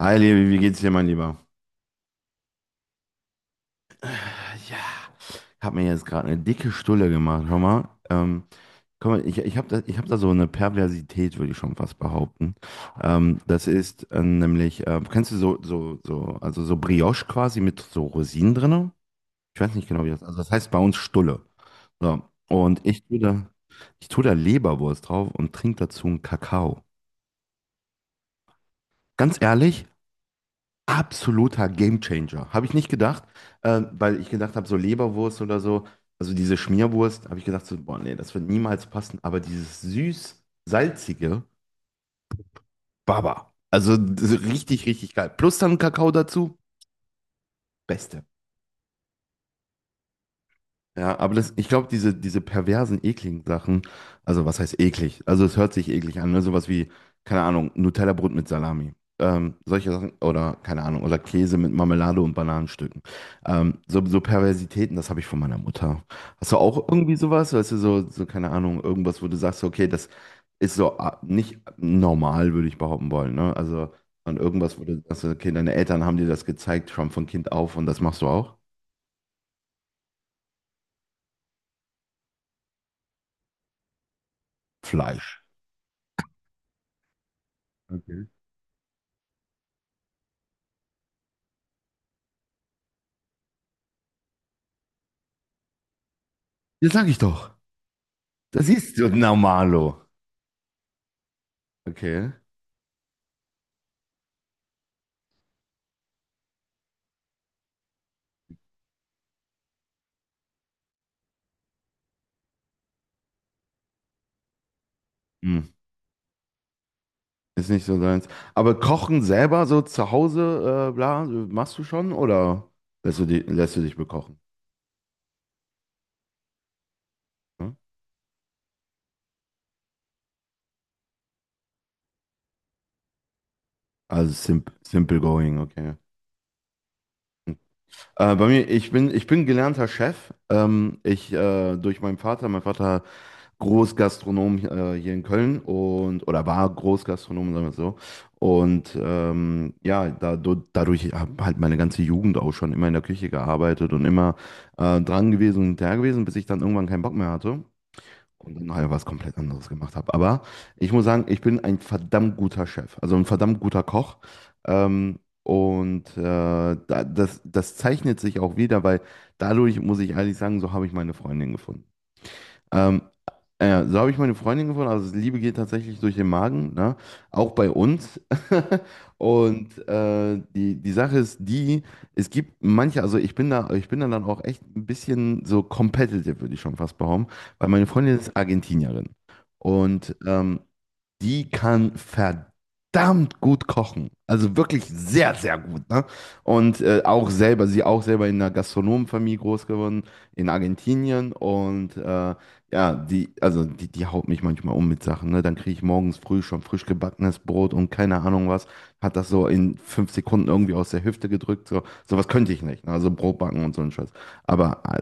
Hi, Levi, wie geht's dir, mein Lieber? Ja, hab mir jetzt gerade eine dicke Stulle gemacht, schau mal. Guck mal, ich hab da so eine Perversität, würde ich schon fast behaupten. Das ist nämlich, kennst du so, also so Brioche quasi mit so Rosinen drinne? Ich weiß nicht genau, wie das, also das heißt bei uns Stulle. So, und ich tue da Leberwurst drauf und trinke dazu einen Kakao. Ganz ehrlich, absoluter Gamechanger. Habe ich nicht gedacht, weil ich gedacht habe, so Leberwurst oder so, also diese Schmierwurst, habe ich gedacht, so, boah, nee, das wird niemals passen. Aber dieses süß-salzige, Baba. Also das ist richtig, richtig geil. Plus dann Kakao dazu, beste. Ja, aber das, ich glaube, diese perversen, ekligen Sachen, also was heißt eklig? Also es hört sich eklig an, ne? Sowas wie, keine Ahnung, Nutella-Brot mit Salami. Solche Sachen, oder keine Ahnung, oder Käse mit Marmelade und Bananenstücken. So Perversitäten, das habe ich von meiner Mutter. Hast du auch irgendwie sowas? Weißt du, so, keine Ahnung, irgendwas, wo du sagst, okay, das ist so nicht normal, würde ich behaupten wollen, ne? Also, an irgendwas, wo du sagst, okay, deine Eltern haben dir das gezeigt, schon von Kind auf und das machst du auch? Fleisch. Okay. Das sag ich doch. Das ist so normalo. Okay. Hm. Ist nicht so deins. Aber kochen selber so zu Hause, bla, machst du schon, oder lässt du dich bekochen? Hm? Also simple going, okay. Hm. Bei mir, ich bin gelernter Chef. Ich durch meinen Vater, mein Vater Großgastronom hier in Köln und, oder war Großgastronom, sagen wir es so. Und ja, dadurch habe halt meine ganze Jugend auch schon immer in der Küche gearbeitet und immer dran gewesen und hinterher gewesen, bis ich dann irgendwann keinen Bock mehr hatte und dann nachher was komplett anderes gemacht habe. Aber ich muss sagen, ich bin ein verdammt guter Chef, also ein verdammt guter Koch. Und da, das zeichnet sich auch wieder, weil dadurch, muss ich ehrlich sagen, so habe ich meine Freundin gefunden. Ähm, so habe ich meine Freundin gefunden. Also Liebe geht tatsächlich durch den Magen, ne? Auch bei uns. Und die Sache ist die, es gibt manche, also ich bin da dann auch echt ein bisschen so competitive, würde ich schon fast behaupten, weil meine Freundin ist Argentinierin. Und die kann verdammt gut kochen. Also wirklich sehr, sehr gut, ne? Und auch selber, sie auch selber in einer Gastronomenfamilie groß geworden, in Argentinien. Und ja, die, also die haut mich manchmal um mit Sachen, ne? Dann kriege ich morgens früh schon frisch gebackenes Brot und keine Ahnung was. Hat das so in 5 Sekunden irgendwie aus der Hüfte gedrückt. So, sowas könnte ich nicht. Ne? Also Brot backen und so ein Scheiß. Aber äh,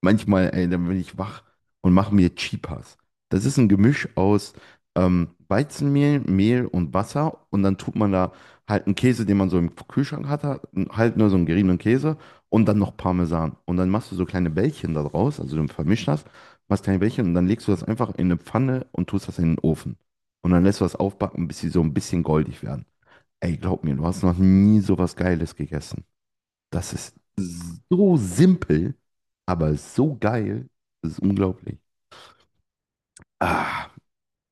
manchmal, ey, dann bin ich wach und mache mir Chipas. Das ist ein Gemisch aus Weizenmehl, Mehl und Wasser. Und dann tut man da halt einen Käse, den man so im Kühlschrank hatte, halt nur so einen geriebenen Käse und dann noch Parmesan. Und dann machst du so kleine Bällchen da draus, also du vermischst das, machst kleine Bällchen und dann legst du das einfach in eine Pfanne und tust das in den Ofen. Und dann lässt du das aufbacken, bis sie so ein bisschen goldig werden. Ey, glaub mir, du hast noch nie so was Geiles gegessen. Das ist so simpel, aber so geil. Das ist unglaublich. Ah.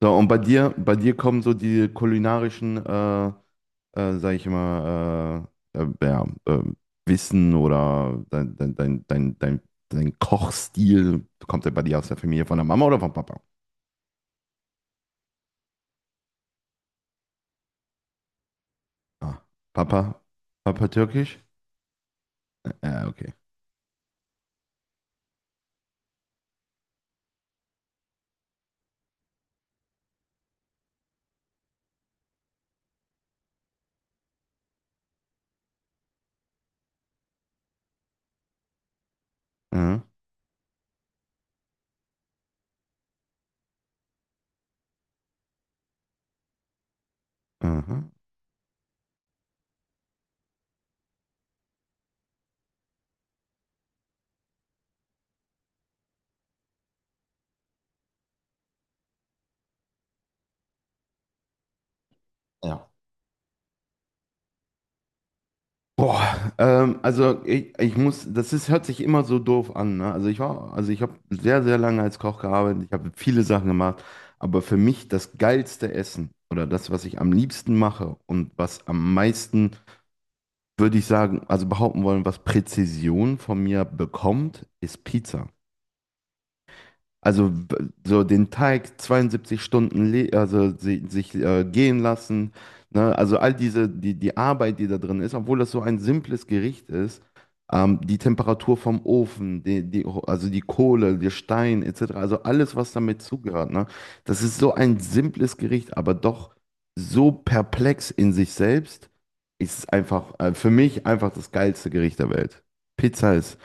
So, und bei dir kommen so die kulinarischen, sag ich mal, ja, Wissen oder dein Kochstil, kommt der bei dir aus der Familie von der Mama oder vom Papa? Ah, Papa? Papa türkisch? Ja, okay. Mhm. Mhm. Ja. Boah, also ich muss, das ist, hört sich immer so doof an, ne? Also ich habe sehr, sehr lange als Koch gearbeitet, ich habe viele Sachen gemacht, aber für mich das geilste Essen oder das, was ich am liebsten mache und was am meisten, würde ich sagen, also behaupten wollen, was Präzision von mir bekommt, ist Pizza. Also so den Teig 72 Stunden sich gehen lassen, ne? Also all die Arbeit, die da drin ist, obwohl das so ein simples Gericht ist, die Temperatur vom Ofen, die, die also die Kohle, der Stein etc. Also alles, was damit zugehört, ne? Das ist so ein simples Gericht, aber doch so perplex in sich selbst, ist es einfach für mich einfach das geilste Gericht der Welt. Pizza ist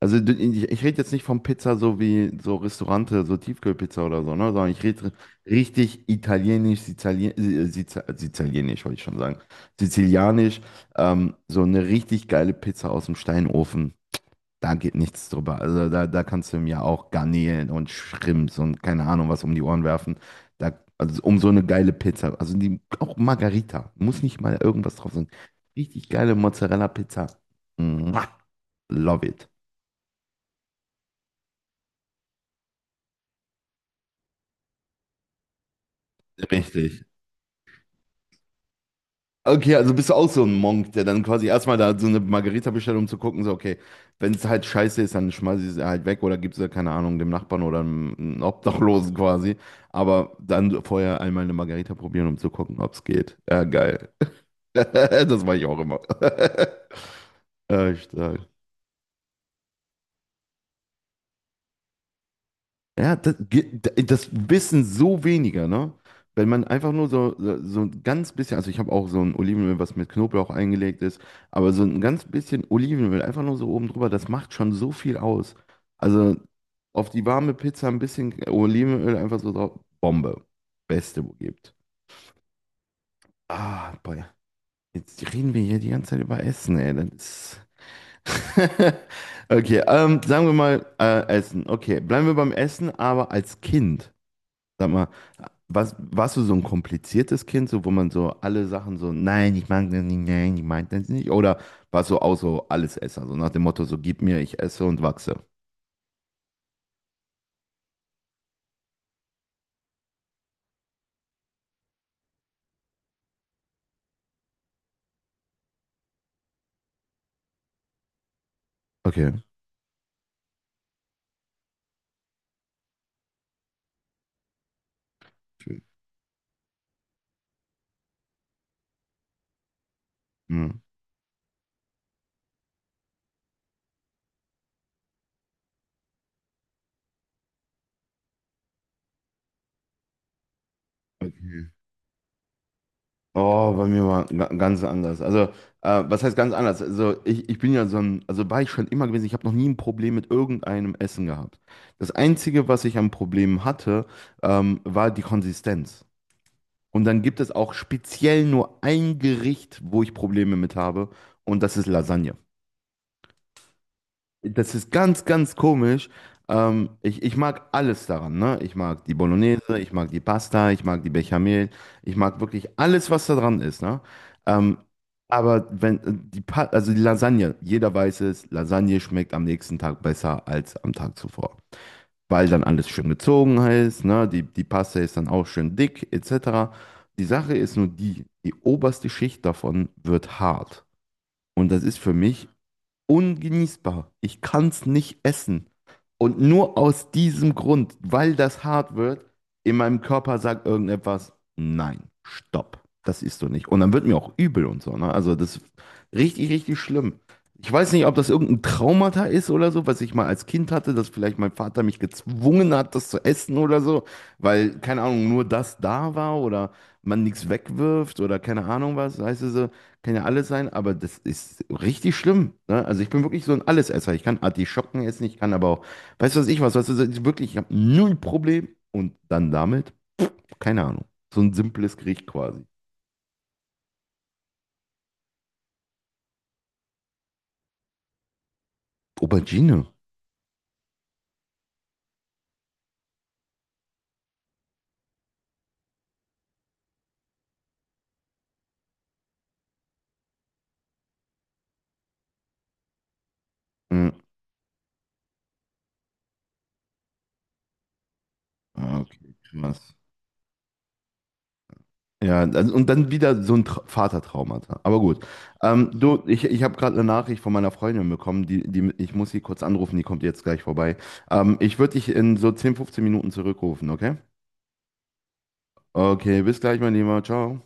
also du- ich rede jetzt nicht von Pizza so wie so Restaurante, so Tiefkühlpizza oder so, ne? Sondern ich rede richtig italienisch, Sizilien, Sizilianisch, wollte ich schon sagen. Sizilianisch, so eine richtig geile Pizza aus dem Steinofen. Da geht nichts drüber. Also da kannst du mir auch Garnelen und Shrimps und keine Ahnung was um die Ohren werfen. Da, also um so eine geile Pizza. Also die, auch Margarita. Muss nicht mal irgendwas drauf sein. Richtig geile Mozzarella-Pizza. Mua, love it. Richtig. Okay, also bist du auch so ein Monk, der dann quasi erstmal da so eine Margarita bestellt, um zu gucken, so, okay, wenn es halt scheiße ist, dann schmeiße ich es halt weg oder gib's es, keine Ahnung, dem Nachbarn oder einem Obdachlosen quasi. Aber dann vorher einmal eine Margarita probieren, um zu gucken, ob's geht. Ja, geil. Das mache ich auch immer. Ja, stark. Ja, das wissen so weniger, ne? Wenn man einfach nur so, ein ganz bisschen, also ich habe auch so ein Olivenöl, was mit Knoblauch eingelegt ist, aber so ein ganz bisschen Olivenöl, einfach nur so oben drüber, das macht schon so viel aus. Also auf die warme Pizza ein bisschen Olivenöl einfach so drauf, Bombe. Beste, wo gibt. Ah, boy. Jetzt reden wir hier die ganze Zeit über Essen, ey. Das ist… Okay, sagen wir mal Essen. Okay, bleiben wir beim Essen, aber als Kind. Sag mal, warst du so ein kompliziertes Kind, so wo man so alle Sachen so, nein, ich mag das nicht, nein, ich mag das nicht? Oder warst du auch so Allesesser, so nach dem Motto, so gib mir, ich esse und wachse? Okay. Schön. Hm. Okay. Oh, bei mir war ganz anders. Also, was heißt ganz anders? Also, ich bin ja so ein, also war ich schon immer gewesen, ich habe noch nie ein Problem mit irgendeinem Essen gehabt. Das Einzige, was ich an Problemen hatte, war die Konsistenz. Und dann gibt es auch speziell nur ein Gericht, wo ich Probleme mit habe, und das ist Lasagne. Das ist ganz, ganz komisch. Ich mag alles daran, ne? Ich mag die Bolognese, ich mag die Pasta, ich mag die Bechamel, ich mag wirklich alles, was da dran ist, ne? Ähm, aber wenn also die Lasagne, jeder weiß es, Lasagne schmeckt am nächsten Tag besser als am Tag zuvor, weil dann alles schön gezogen ist, ne? Die Paste ist dann auch schön dick, etc. Die Sache ist nur die, die oberste Schicht davon wird hart. Und das ist für mich ungenießbar. Ich kann es nicht essen. Und nur aus diesem Grund, weil das hart wird, in meinem Körper sagt irgendetwas, nein, stopp, das isst du nicht. Und dann wird mir auch übel und so. Ne? Also das ist richtig, richtig schlimm. Ich weiß nicht, ob das irgendein Traumata ist oder so, was ich mal als Kind hatte, dass vielleicht mein Vater mich gezwungen hat, das zu essen oder so, weil, keine Ahnung, nur das da war oder man nichts wegwirft oder keine Ahnung was, weißt du so. Kann ja alles sein, aber das ist richtig schlimm. Ne? Also ich bin wirklich so ein Allesesser. Ich kann Artischocken essen, ich kann aber auch, weißt du was ich was, weißt du, ich wirklich, ich habe null Problem. Und dann damit, keine Ahnung, so ein simples Gericht quasi. Aubergine. Mhm. Ah, okay, krass. Ja, also, und dann wieder so ein Tra Vatertraumata. Aber gut. Du, ich habe gerade eine Nachricht von meiner Freundin bekommen, ich muss sie kurz anrufen, die kommt jetzt gleich vorbei. Ich würde dich in so 10, 15 Minuten zurückrufen, okay? Okay, bis gleich, mein Lieber. Ciao.